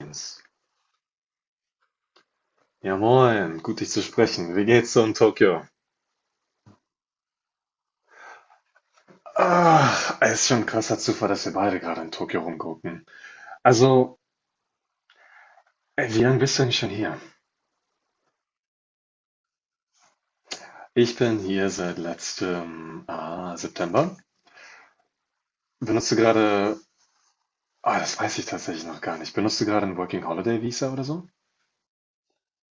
Jens. Ja moin, gut dich zu sprechen. Wie geht's so in Tokio? Es ist schon ein krasser Zufall, dass wir beide gerade in Tokio rumgucken. Also, Wie lange bist du eigentlich schon hier? Ich bin hier seit letztem September. Benutzt du gerade, ah, Das weiß ich tatsächlich noch gar nicht. Benutzt du gerade ein Working Holiday Visa oder so?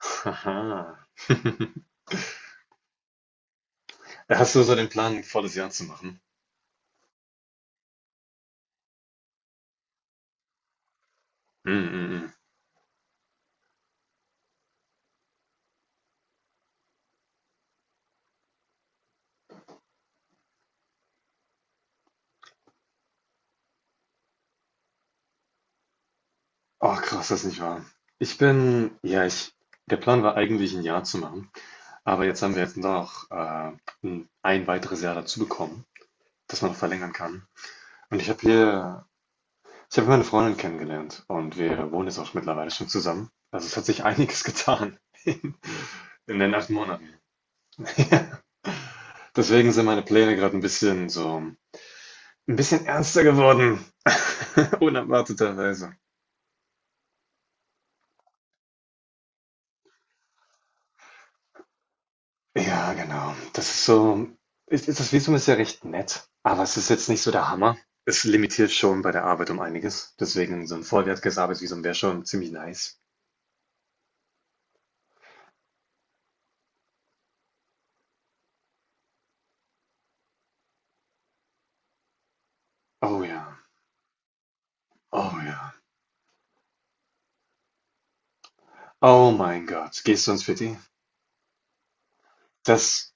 Haha. Hast du so den Plan, ein volles Jahr zu machen? Mm, mm, mm. Oh, krass, das ist nicht wahr. Ich, der Plan war eigentlich ein Jahr zu machen. Aber jetzt haben wir jetzt noch ein weiteres Jahr dazu bekommen, das man noch verlängern kann. Und ich habe hier, ich habe meine Freundin kennengelernt und wir wohnen jetzt auch mittlerweile schon zusammen. Also es hat sich einiges getan in den 8 Monaten. Deswegen sind meine Pläne gerade ein bisschen so, ein bisschen ernster geworden, unerwarteterweise. Ja, genau. Das ist so, es ist, das Visum ist ja recht nett, aber es ist jetzt nicht so der Hammer. Es limitiert schon bei der Arbeit um einiges. Deswegen so 'n vollwertiges Arbeitsvisum wäre schon ziemlich nice. Oh ja, oh ja. Oh mein Gott, gehst du ins Fitti? Das,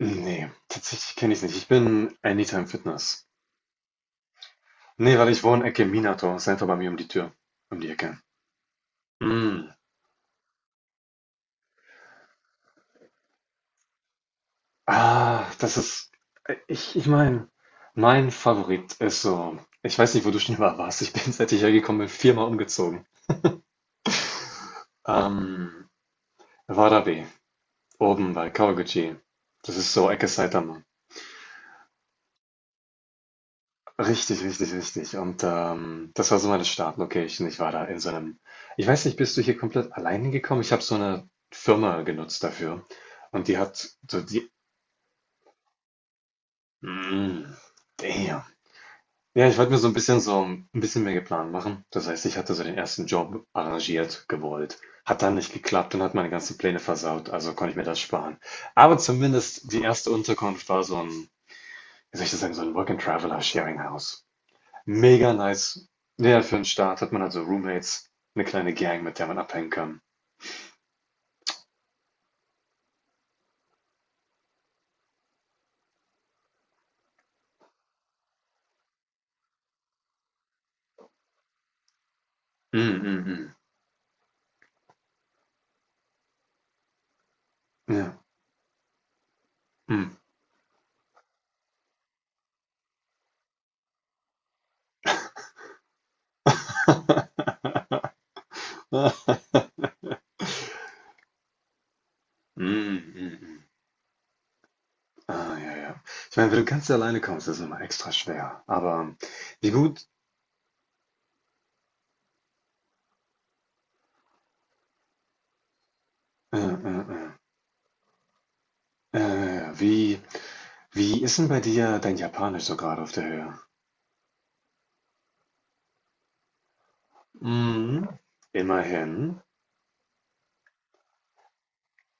ne, tatsächlich kenne ich es nicht. Ich bin Anytime Fitness. Ne, weil ich wohne Ecke Minato, ist einfach bei mir um die Tür um die Ecke. Mm. Ah, das ist ich ich meine, mein Favorit ist so, ich weiß nicht, wo du schon immer warst. Ich bin, seit ich hergekommen bin, viermal umgezogen. Ähm, Warabe, oben bei Kawaguchi. Das ist so Ecke Saitama. Richtig, richtig, richtig. Und das war so meine Startlocation. Ich war da in so einem. Ich weiß nicht, bist du hier komplett allein hingekommen? Ich habe so eine Firma genutzt dafür. Und die hat so die. Mm, damn. Ja, ich wollte mir so ein bisschen, so ein bisschen mehr geplant machen. Das heißt, ich hatte so den ersten Job arrangiert, gewollt. Hat dann nicht geklappt und hat meine ganzen Pläne versaut, also konnte ich mir das sparen. Aber zumindest die erste Unterkunft war so ein, wie soll ich das sagen, so ein Work-and-Traveler-Sharing-House. Mega nice. Ja, für 'n Start hat man also Roommates, eine kleine Gang, mit der man abhängen kann. Mhm, mhm, mhm. Ja, mhm. Mhm, mhm, mhm. Ah, ja, ja. Ich meine, wenn du ganz alleine kommst, ist es immer extra schwer. Aber wie gut, äh, äh, äh, äh, wie, wie ist denn bei dir dein Japanisch so gerade auf der Höhe? Mhm. Immerhin.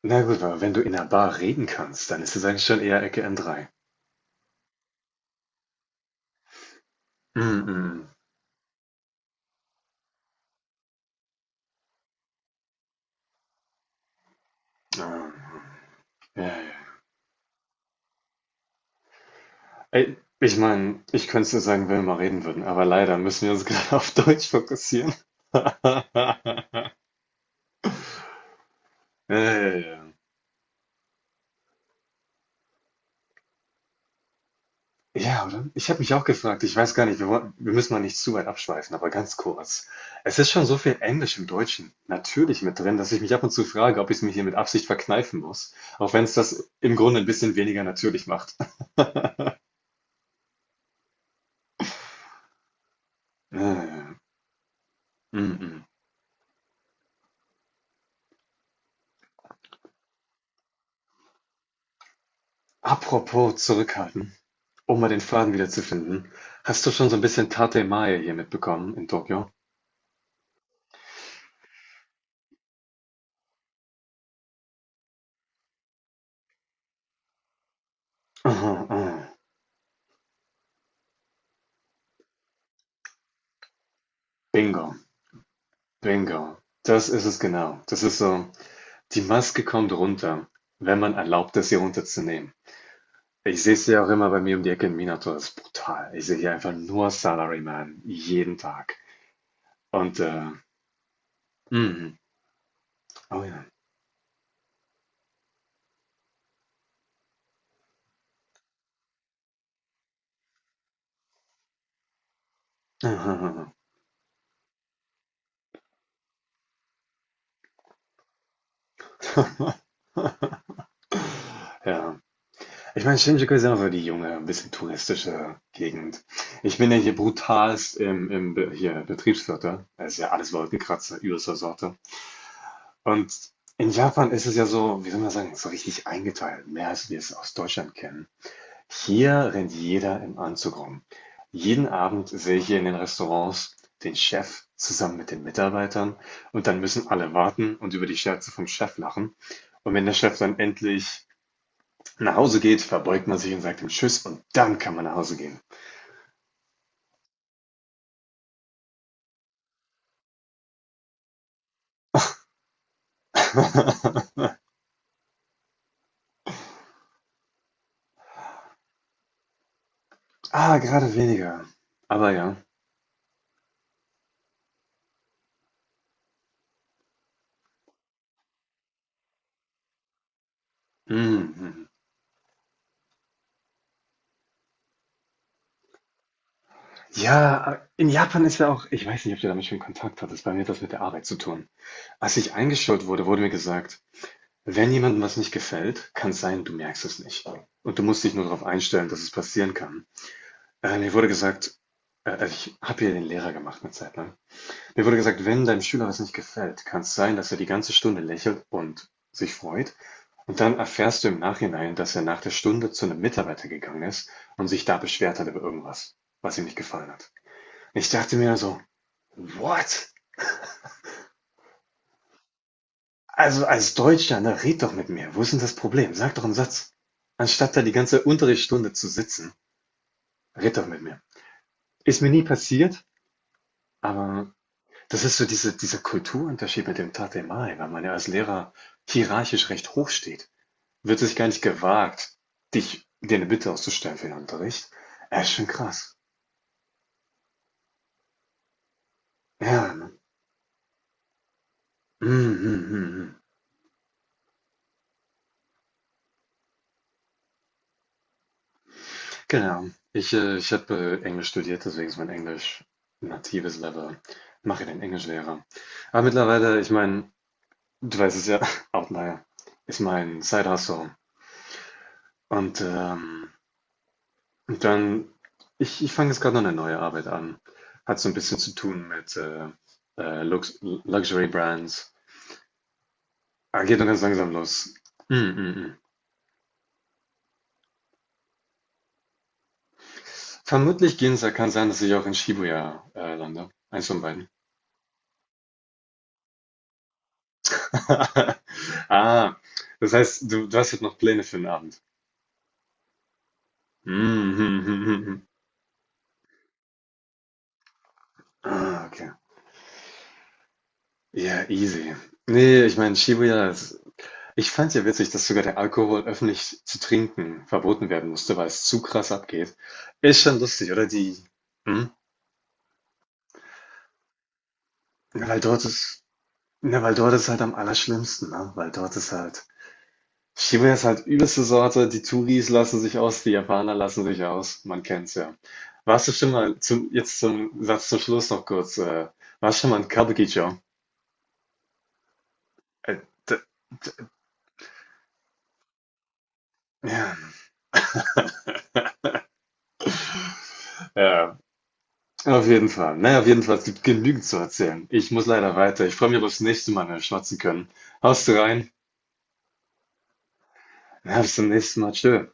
Na gut, aber wenn du in einer Bar reden kannst, dann ist es eigentlich schon eher Ecke M3. Mhm. Ah, ja, ja. Ey, ich meine, ich könnte es dir sagen, wenn wir mal reden würden, aber leider müssen wir uns gerade auf Deutsch fokussieren. Ja, ja, ja. Ja, oder? Ich habe mich auch gefragt, ich weiß gar nicht, wir müssen mal nicht zu weit abschweifen, aber ganz kurz. Es ist schon so viel Englisch im Deutschen natürlich mit drin, dass ich mich ab und zu frage, ob ich es mir hier mit Absicht verkneifen muss, auch wenn es das im Grunde ein bisschen weniger natürlich macht. Äh, mhm. Apropos zurückhalten, um mal den Faden wieder zu finden. Hast du schon so ein bisschen Tate Mae hier mitbekommen in Tokio? Aha, aha. Bingo, bingo. Das ist es genau. Das ist so. Die Maske kommt runter, wenn man erlaubt, es ihr runterzunehmen. Ich sehe es ja auch immer bei mir um die Ecke in Minato. Das ist brutal. Ich sehe hier einfach nur Salaryman. Jeden Tag. Und, mm, oh ja. Ja. Ich meine, Shinjuku ist ja so die junge, ein bisschen touristische Gegend. Ich bin ja hier brutalst hier, Betriebsviertel. Das ist ja alles Wolkenkratzer, übelster Sorte. Und in Japan ist es ja so, wie soll man sagen, so richtig eingeteilt. Mehr als wir es aus Deutschland kennen. Hier rennt jeder im Anzug rum. Jeden Abend sehe ich hier in den Restaurants den Chef zusammen mit den Mitarbeitern und dann müssen alle warten und über die Scherze vom Chef lachen. Und wenn der Chef dann endlich nach Hause geht, verbeugt man sich und sagt ihm Tschüss und dann kann man nach Hause gehen. Ah, gerade weniger. Aber ja. Mhm. Ja, in Japan ist ja auch, ich weiß nicht, ob du damit schon Kontakt hattest, bei mir hat das mit der Arbeit zu tun. Als ich eingestellt wurde, wurde mir gesagt, wenn jemandem was nicht gefällt, kann es sein, du merkst es nicht. Und du musst dich nur darauf einstellen, dass es passieren kann. Mir wurde gesagt, also ich habe hier den Lehrer gemacht eine Zeit lang. Mir wurde gesagt, wenn deinem Schüler was nicht gefällt, kann es sein, dass er die ganze Stunde lächelt und sich freut. Und dann erfährst du im Nachhinein, dass er nach der Stunde zu einem Mitarbeiter gegangen ist und sich da beschwert hat über irgendwas, was ihm nicht gefallen hat. Ich dachte mir so, what? Also als Deutscher, ne, red doch mit mir. Wo ist denn das Problem? Sag doch einen Satz. Anstatt da die ganze Unterrichtsstunde zu sitzen, red doch mit mir. Ist mir nie passiert, aber das ist so dieser Kulturunterschied mit dem Tate Mai, weil man ja als Lehrer hierarchisch recht hoch steht, wird sich gar nicht gewagt, dich dir eine Bitte auszustellen für den Unterricht. Ja, ist schon krass. Ja, ne? Mhm, mhm, mhm. Mhm. Genau. Ich habe Englisch studiert, deswegen ist mein Englisch ein natives Level. Mache den Englischlehrer. Aber mittlerweile, ich meine, du weißt es ja, Outlier ist mein Side-Hustle. Und und dann, ich fange jetzt gerade noch eine neue Arbeit an. Hat so ein bisschen zu tun mit Lux Luxury Brands. Ah, geht nur ganz langsam los. Mm, mm, mm. Vermutlich Ginza, kann sein, dass ich auch in Shibuya lande. Eins von beiden. Ah, das heißt, du hast jetzt noch Pläne für den Abend. Mhm. Ah, okay. Ja, easy. Nee, ich meine, Shibuya ist. Ich fand's ja witzig, dass sogar der Alkohol öffentlich zu trinken verboten werden musste, weil es zu krass abgeht. Ist schon lustig, oder? Die. Hm? Ja, weil dort ist. Ja, weil dort ist halt am allerschlimmsten, ne? Weil dort ist halt. Shibuya ist halt übelste Sorte. Die Touris lassen sich aus, die Japaner lassen sich aus. Man kennt's ja. Warst du schon mal, zum, jetzt zum Satz zum Schluss noch kurz, warst schon mal in Kabukicho? Äh, d- ja, ja, auf jeden Fall. Naja, auf jeden Fall, es gibt genügend zu erzählen. Ich muss leider weiter. Ich freue mich, ob wir das nächste Mal mehr schwatzen können. Haust du rein? Ja, bis zum nächsten Mal. Tschö.